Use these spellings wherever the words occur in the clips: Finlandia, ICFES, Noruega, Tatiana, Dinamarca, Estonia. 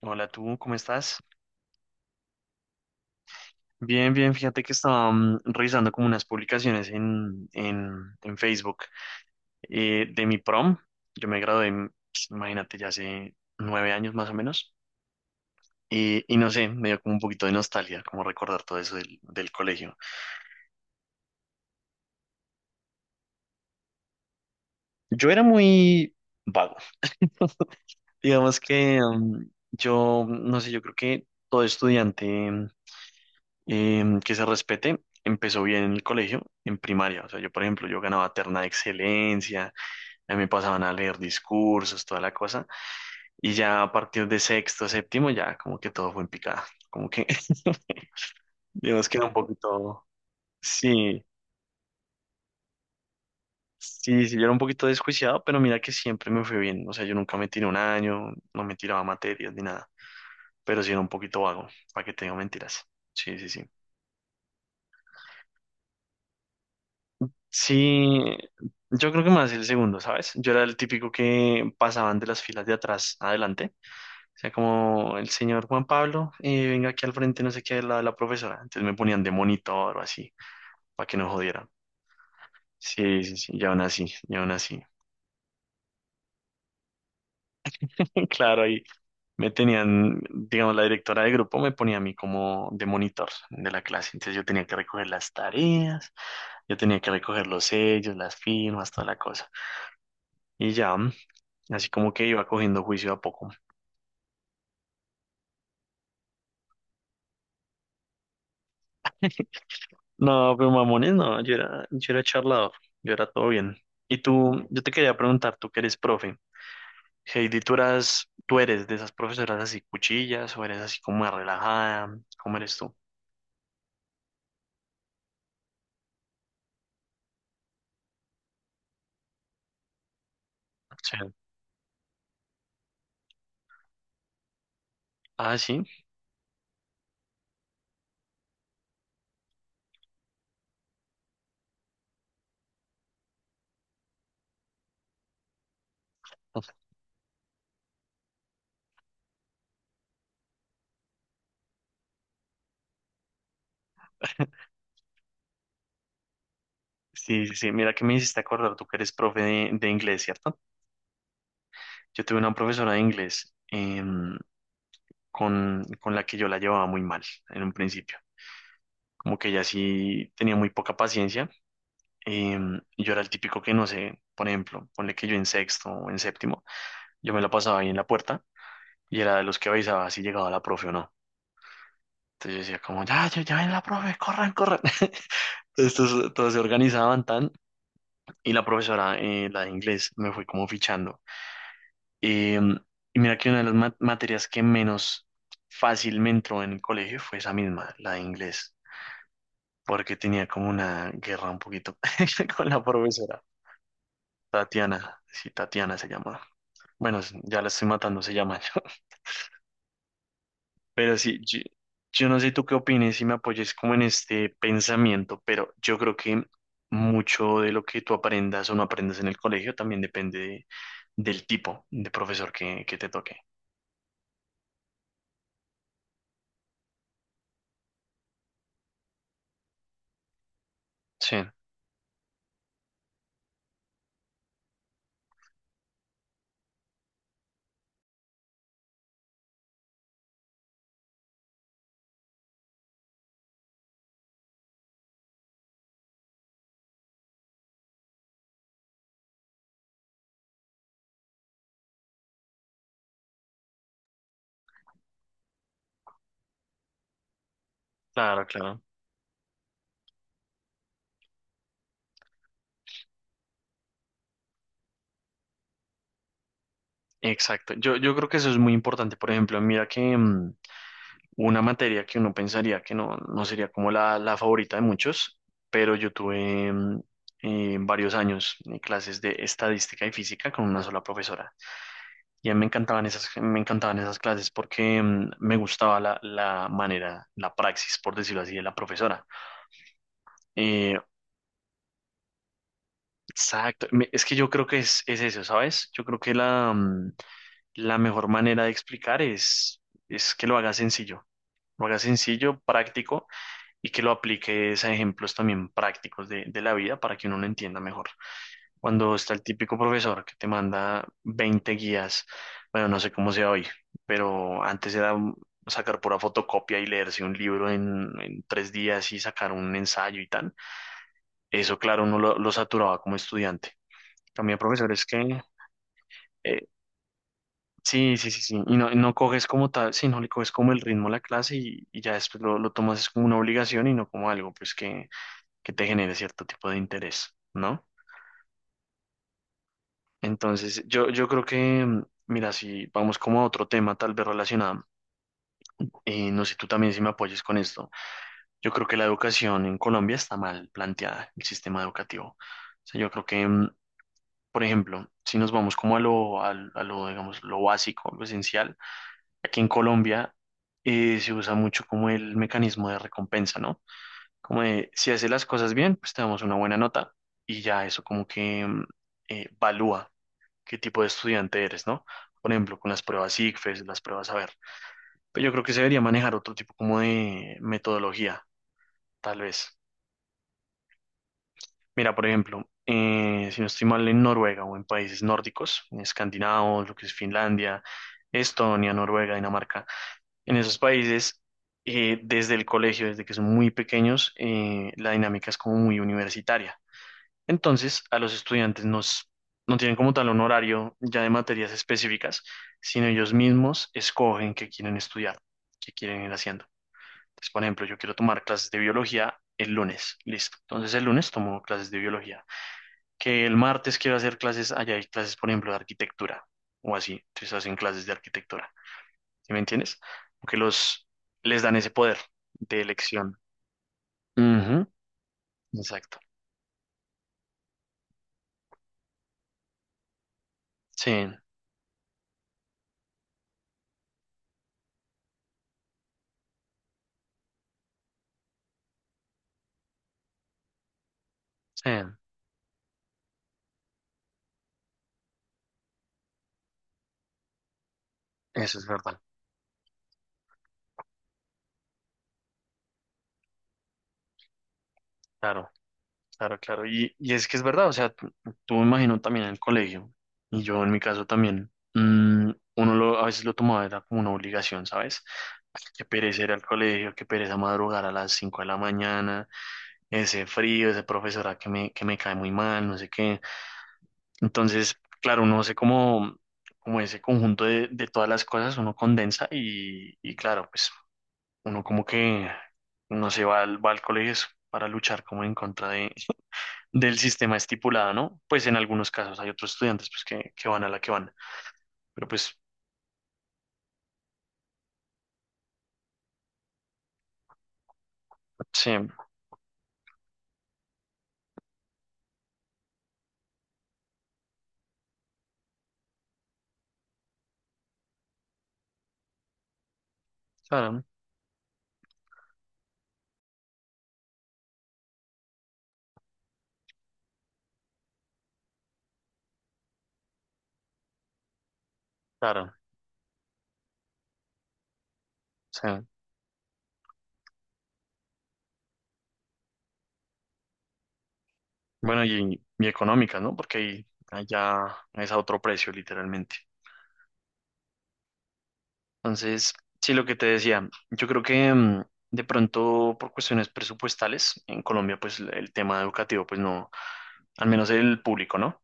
Hola, tú, ¿cómo estás? Bien, bien, fíjate que estaba revisando como unas publicaciones en Facebook, de mi prom. Yo me gradué, pues, imagínate, ya hace 9 años más o menos. Y no sé, me dio como un poquito de nostalgia, como recordar todo eso del colegio. Yo era muy vago. Digamos que no sé, yo creo que todo estudiante mm, que se respete empezó bien en el colegio, en primaria. O sea, yo, por ejemplo, yo ganaba terna de excelencia. A mí me pasaban a leer discursos, toda la cosa. Y ya a partir de sexto, séptimo, ya como que todo fue en picada. Como que, digamos que era un poquito. Sí, sí, sí, yo era un poquito desjuiciado, pero mira que siempre me fue bien. O sea, yo nunca me tiré un año, no me tiraba materias ni nada. Pero sí era un poquito vago, para que te digo mentiras. Sí, sí, sí. Sí, yo creo que más el segundo, ¿sabes? Yo era el típico que pasaban de las filas de atrás adelante, sea, como el señor Juan Pablo, venga aquí al frente, no sé qué, al lado de la profesora. Entonces me ponían de monitor o así, para que no jodieran. Sí, sí, sí, y aún así, y aún así. Claro, ahí me tenían, digamos, la directora de grupo me ponía a mí como de monitor de la clase. Entonces yo tenía que recoger las tareas, yo tenía que recoger los sellos, las firmas, toda la cosa. Y ya, así como que iba cogiendo juicio a poco. No, pero mamones, no, yo era charlador, yo era todo bien. Y tú, yo te quería preguntar, tú que eres profe. Heidi, tú eras, tú eres de esas profesoras así cuchillas o eres así como más relajada, ¿cómo eres tú? Sí. Ah, sí. Sí, sí, sí. Mira que me hiciste acordar, tú que eres profe de inglés, ¿cierto? Yo tuve una profesora de inglés, con la que yo la llevaba muy mal en un principio. Como que ella sí tenía muy poca paciencia. Y yo era el típico que no sé, por ejemplo, ponle que yo en sexto o en séptimo, yo me la pasaba ahí en la puerta y era de los que avisaba si llegaba la profe o no. Entonces yo decía como, ya, ya, ya ven la profe, corran, corran. Estos todos se organizaban tan, y la profesora, la de inglés, me fue como fichando. Eh, y mira que una de las materias que menos fácil me entró en el colegio fue esa misma, la de inglés, porque tenía como una guerra un poquito con la profesora, Tatiana, sí, Tatiana se llama. Bueno, ya la estoy matando, se llama. Pero sí, yo no sé tú qué opines y me apoyes como en este pensamiento, pero yo creo que mucho de lo que tú aprendas o no aprendas en el colegio también depende del tipo de profesor que te toque. Sí, claro, claro. Exacto. Yo creo que eso es muy importante. Por ejemplo, mira que una materia que uno pensaría que no, no sería como la favorita de muchos, pero yo tuve varios años, clases de estadística y física con una sola profesora. Y a mí me encantaban esas clases porque me gustaba la manera, la praxis, por decirlo así, de la profesora. Eh, exacto. Es que yo creo que es eso, ¿sabes? Yo creo que la mejor manera de explicar es que lo hagas sencillo, práctico y que lo apliques a ejemplos también prácticos de la vida para que uno lo entienda mejor. Cuando está el típico profesor que te manda 20 guías, bueno, no sé cómo sea hoy, pero antes era sacar pura fotocopia y leerse un libro en 3 días y sacar un ensayo y tal. Eso, claro, uno lo saturaba como estudiante. También profesores que, eh, sí, sí, sí, sí, y no, no coges como tal, sí, no le coges como el ritmo a la clase y ya después lo tomas es como una obligación y no como algo, pues, que te genere cierto tipo de interés, ¿no? Entonces, yo creo que, mira, si vamos como a otro tema tal vez relacionado, no sé tú también si me apoyes con esto, yo creo que la educación en Colombia está mal planteada, el sistema educativo. O sea, yo creo que, por ejemplo, si nos vamos como a lo, a, lo, digamos, lo básico, lo esencial, aquí en Colombia, se usa mucho como el mecanismo de recompensa, ¿no? Como de, si haces las cosas bien, pues te damos una buena nota y ya eso como que valúa qué tipo de estudiante eres, ¿no? Por ejemplo, con las pruebas ICFES, las pruebas a ver. Pero yo creo que se debería manejar otro tipo como de metodología, tal vez. Mira, por ejemplo, si no estoy mal en Noruega o en países nórdicos, en escandinavos, lo que es Finlandia, Estonia, Noruega, Dinamarca, en esos países, desde el colegio, desde que son muy pequeños, la dinámica es como muy universitaria. Entonces, a los estudiantes nos, no tienen como tal un horario ya de materias específicas, sino ellos mismos escogen qué quieren estudiar, qué quieren ir haciendo. Entonces, por ejemplo, yo quiero tomar clases de biología el lunes, listo. Entonces, el lunes tomo clases de biología. Que el martes quiero hacer clases, allá hay clases, por ejemplo, de arquitectura o así. Entonces, hacen clases de arquitectura. ¿Sí me entiendes? Porque les dan ese poder de elección. Ujú, exacto. Sí, sí, eso es verdad. Claro. Claro, claro. Y es que es verdad, o sea, tú me imagino también en el colegio, y yo en mi caso también, uno lo, a veces lo tomaba era como una obligación, ¿sabes? Ay, qué pereza ir al colegio, qué pereza madrugar a las 5 de la mañana, ese frío, ese profesora que me cae muy mal, no sé qué. Entonces, claro, uno hace como, como ese conjunto de todas las cosas, uno condensa y claro, pues uno como que no se va al colegio es para luchar como en contra del sistema estipulado, ¿no? Pues en algunos casos hay otros estudiantes pues que van a la que van, pero pues sí, claro, claro, sí, bueno, y económicas, ¿no? Porque ahí allá es a otro precio, literalmente. Entonces, sí, lo que te decía, yo creo que de pronto por cuestiones presupuestales, en Colombia pues el tema educativo pues no, al menos el público, ¿no?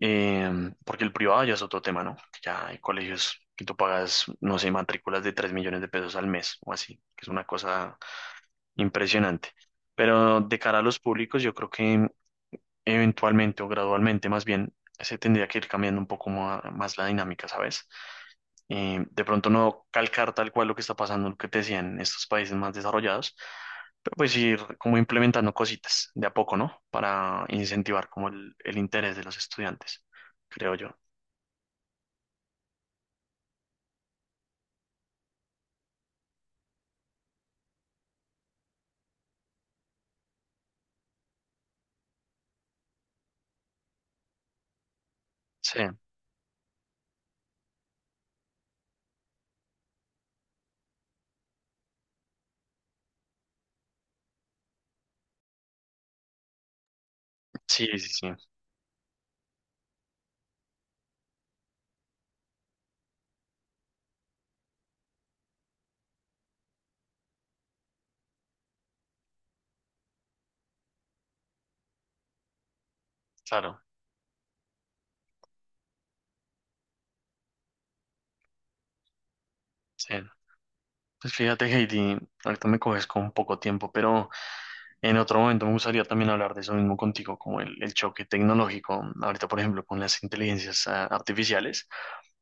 Em, porque el privado ya es otro tema, ¿no? Que ya hay colegios que tú pagas, no sé, matrículas de 3 millones de pesos al mes o así, que es una cosa impresionante. Pero de cara a los públicos, yo creo que eventualmente o gradualmente más bien se tendría que ir cambiando un poco más, la dinámica, ¿sabes? Em, de pronto no calcar tal cual lo que está pasando, lo que te decían en estos países más desarrollados, pero pues ir como implementando cositas de a poco, ¿no? Para incentivar como el interés de los estudiantes, creo yo. Sí, sí, sí, sí, claro, sí. Pues fíjate, Heidi, ahorita me coges con poco tiempo, pero en otro momento me gustaría también hablar de eso mismo contigo, como el choque tecnológico, ahorita por ejemplo con las inteligencias artificiales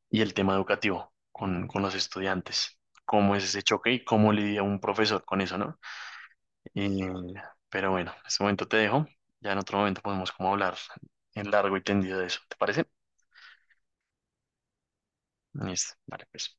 y el tema educativo con los estudiantes, cómo es ese choque y cómo lidia un profesor con eso, ¿no? Y- pero bueno, en este momento te dejo, ya en otro momento podemos como hablar en largo y tendido de eso, ¿te parece? Listo, vale, pues.